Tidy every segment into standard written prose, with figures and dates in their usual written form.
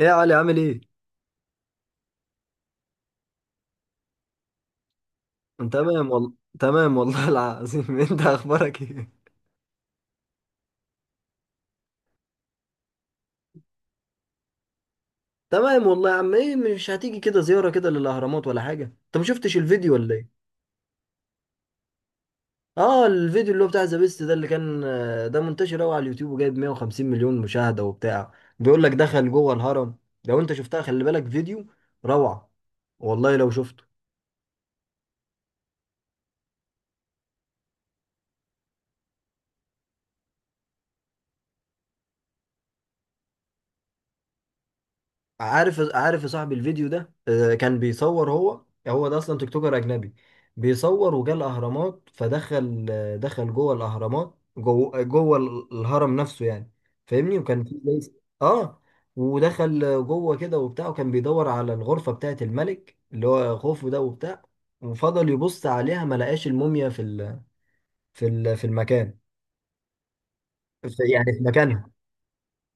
ايه يا علي عامل ايه؟ أنا تمام والله. تمام والله العظيم. انت اخبارك ايه؟ تمام والله يا عم. ايه، مش هتيجي كده زيارة كده للاهرامات ولا حاجة؟ انت ما شفتش الفيديو ولا ايه؟ اه، الفيديو اللي هو بتاع ذا بيست ده اللي كان ده منتشر قوي على اليوتيوب وجايب 150 مليون مشاهدة وبتاع. بيقول لك دخل جوه الهرم. لو انت شفتها خلي بالك، فيديو روعة والله لو شفته. عارف عارف يا صاحبي، الفيديو ده كان بيصور هو. هو ده اصلا تيك توكر اجنبي. بيصور وجا الاهرامات فدخل آه، دخل جوه الاهرامات، جوه جوه الهرم نفسه يعني، فاهمني. وكان في زي، اه، ودخل جوه كده وبتاع، وكان بيدور على الغرفه بتاعه الملك اللي هو خوفو ده وبتاع. وفضل يبص عليها ما لقاش الموميا في المكان، في مكانها.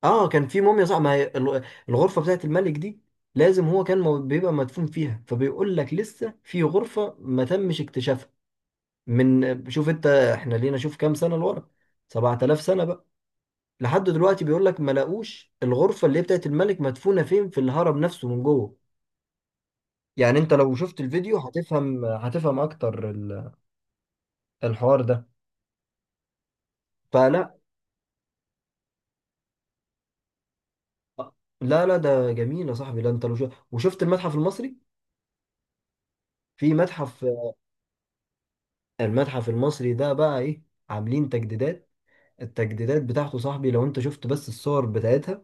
اه، كان في موميا صح، ما هي الغرفه بتاعت الملك دي لازم هو كان بيبقى مدفون فيها. فبيقول لك لسه في غرفه ما تمش اكتشافها. من شوف انت، احنا لينا شوف كام سنه لورا؟ 7000 سنه بقى. لحد دلوقتي بيقول لك ما لاقوش الغرفه اللي هي بتاعت الملك مدفونه فين في الهرم نفسه من جوه. يعني انت لو شفت الفيديو هتفهم اكتر الحوار ده. فلا، لا لا، ده جميل يا صاحبي. لا انت لو شفت وشفت المتحف المصري، في متحف. المتحف المصري ده بقى ايه، عاملين تجديدات. التجديدات بتاعته صاحبي، لو انت شفت بس الصور بتاعتها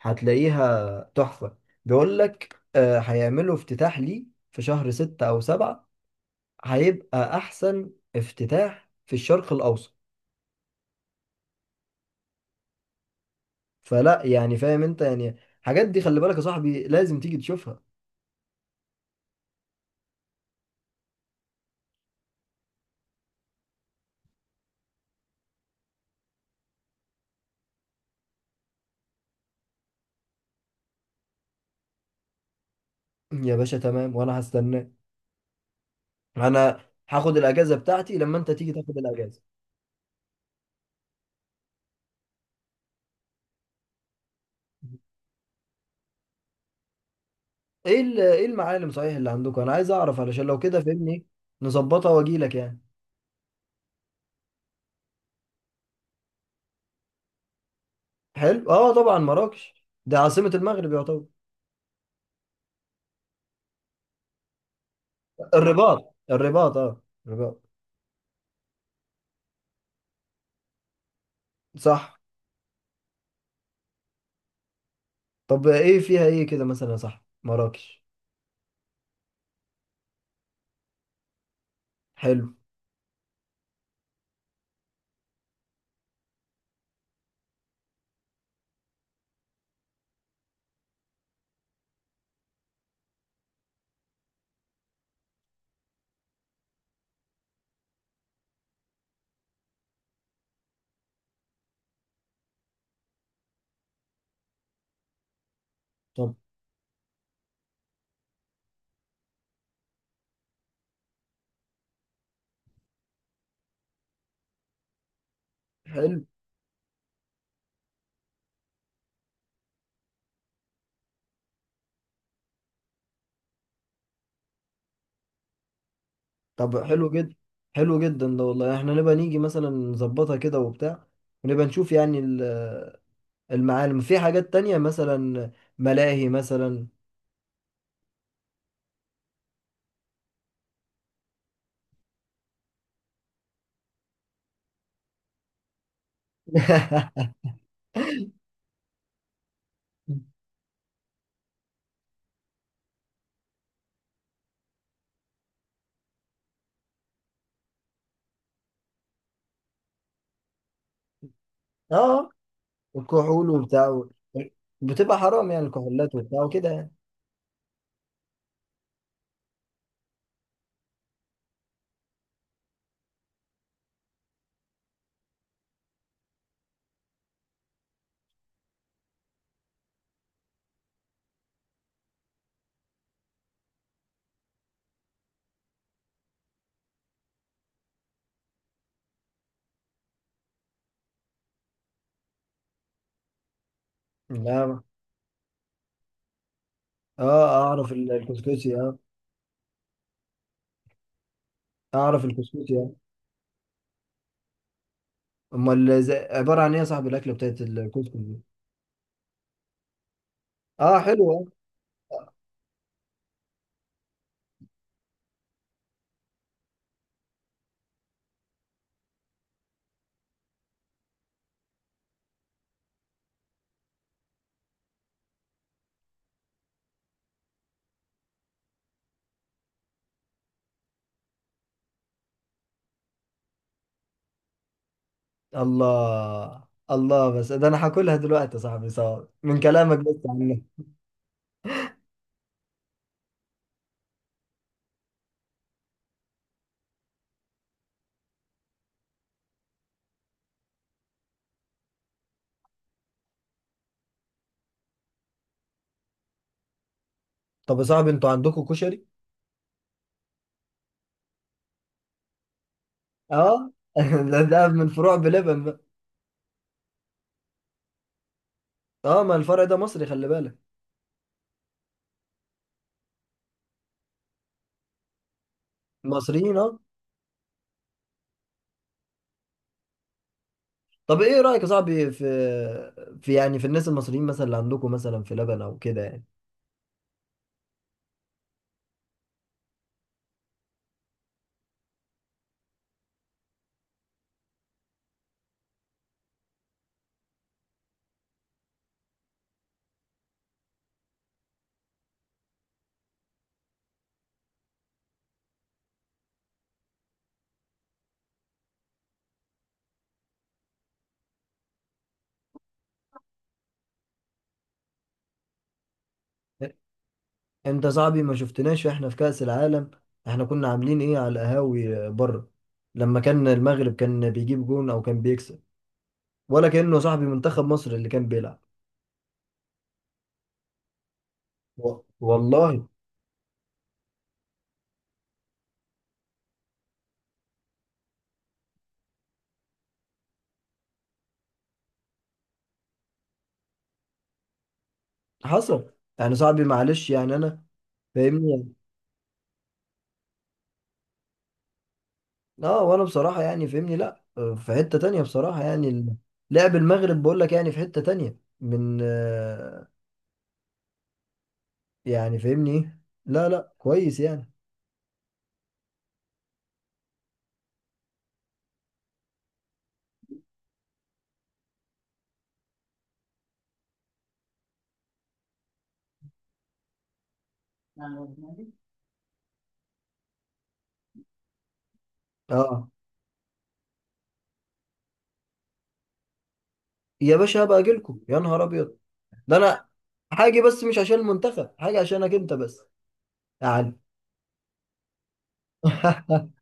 هتلاقيها تحفة. بيقول لك هيعملوا افتتاح ليه في شهر 6 أو 7. هيبقى احسن افتتاح في الشرق الاوسط. فلا يعني، فاهم انت يعني. الحاجات دي خلي بالك يا صاحبي، لازم تيجي تشوفها. يا باشا تمام، وانا هستناك. انا هاخد الاجازة بتاعتي لما انت تيجي تاخد الاجازة. ايه المعالم صحيح اللي عندكم؟ انا عايز اعرف، علشان لو كده فهمني نظبطها واجي لك يعني. حلو. اه، طبعا مراكش ده عاصمة المغرب يعتبر. الرباط الرباط، اه، الرباط. صح. طب ايه فيها ايه كده مثلا، صح، مراكش؟ حلو. طب حلو. طب حلو جدا. حلو جدا ده والله. احنا نبقى نيجي مثلا، نظبطها كده وبتاع، ونبقى نشوف يعني المعالم، في حاجات تانية مثلا، ملاهي مثلا. اه، الكحول وبتاع بتبقى حرام يعني، الكحولات وبتاع وكده يعني. لا. اه، اعرف الكسكسي، اه. اعرف الكسكسي، اه. امال عباره عن ايه يا صاحبي الاكله بتاعت الكسكس دي؟ اه، حلوه. الله. الله، بس ده انا هاكلها دلوقتي يا صاحبي، صعب من كلامك بس عنها. طب يا صاحبي، انتوا عندكم كشري؟ اه. ده من فروع بلبن بقى. اه، ما الفرع ده مصري، خلي بالك. مصريين، اه. طب ايه رايك يا صاحبي في الناس المصريين مثلا اللي عندكم مثلا في لبن او كده يعني؟ انت صاحبي ما شفتناش احنا في كأس العالم. احنا كنا عاملين ايه على القهاوي بره، لما كان المغرب كان بيجيب جون او كان بيكسب؟ ولا كأنه صاحبي منتخب مصر اللي كان بيلعب. والله، حصل. يعني صاحبي معلش، يعني انا فاهمني يعني. اه، وانا بصراحة يعني فاهمني، لا في حتة تانية بصراحة يعني لعب المغرب بقول لك، يعني في حتة تانية من يعني فاهمني، ايه. لا لا، كويس يعني. اه. يا باشا، هبقى اجيلكم يا نهار ابيض. ده انا حاجه، بس مش عشان المنتخب، حاجه عشانك انت بس يعني.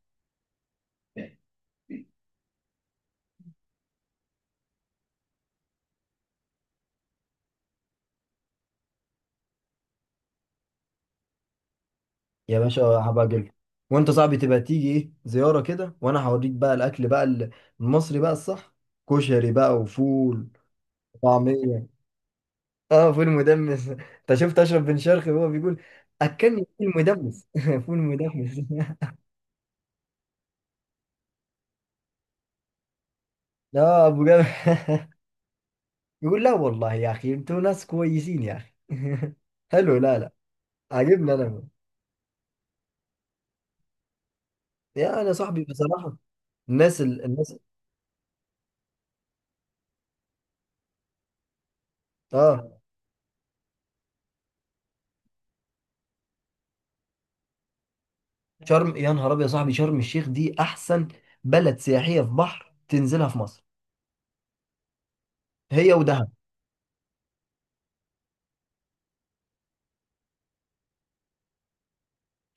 يا باشا، هبقى اجيلك. وانت صاحبي تبقى تيجي ايه زياره كده، وانا هوريك بقى الاكل بقى المصري بقى الصح. كشري بقى، وفول، وطعميه. اه، فول مدمس. انت شفت اشرف بن شرقي وهو بيقول اكلني فول مدمس؟ فول مدمس. لا، ابو جابر. يقول لا والله يا اخي، انتوا ناس كويسين يا اخي. حلو. لا لا، عاجبني انا يا انا صاحبي بصراحه، الناس الناس، اه. شرم يا نهار ابيض يا صاحبي. شرم الشيخ دي احسن بلد سياحيه في بحر تنزلها في مصر، هي ودهب.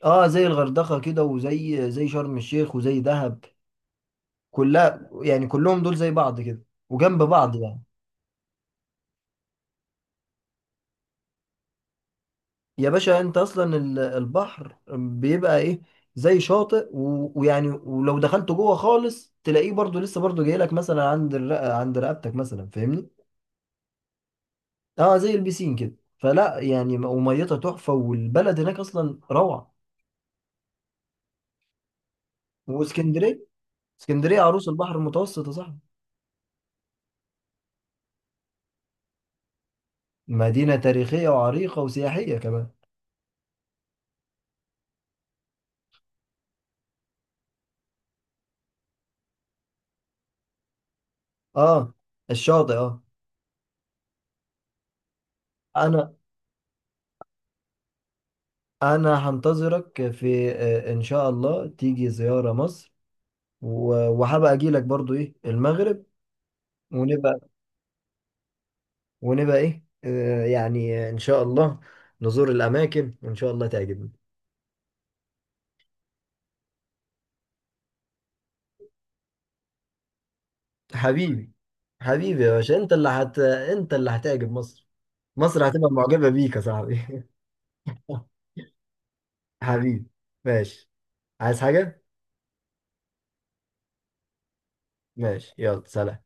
اه، زي الغردقه كده، وزي شرم الشيخ وزي دهب. كلها يعني، كلهم دول زي بعض كده، وجنب بعض يعني. يا باشا انت اصلا البحر بيبقى ايه، زي شاطئ، ويعني ولو دخلت جوه خالص تلاقيه برضو لسه، برضو جاي لك مثلا عند رقبتك مثلا، فاهمني. اه، زي البيسين كده، فلا يعني، وميتها تحفه، والبلد هناك اصلا روعه. واسكندريه، اسكندريه عروس البحر المتوسط يا صاحبي. مدينه تاريخيه وعريقه وسياحيه كمان. اه، الشاطئ، اه. انا، انا هنتظرك في آه، ان شاء الله تيجي زياره مصر. وهبقى اجي لك برضو ايه المغرب. ونبقى ونبقى ايه يعني ان شاء الله نزور الاماكن، وان شاء الله تعجبني. حبيبي. حبيبي يا باشا، انت اللي هتعجب مصر. مصر هتبقى معجبة بيك يا صاحبي. حبيبي. ماشي. عايز حاجة؟ ماشي، يلا سلام.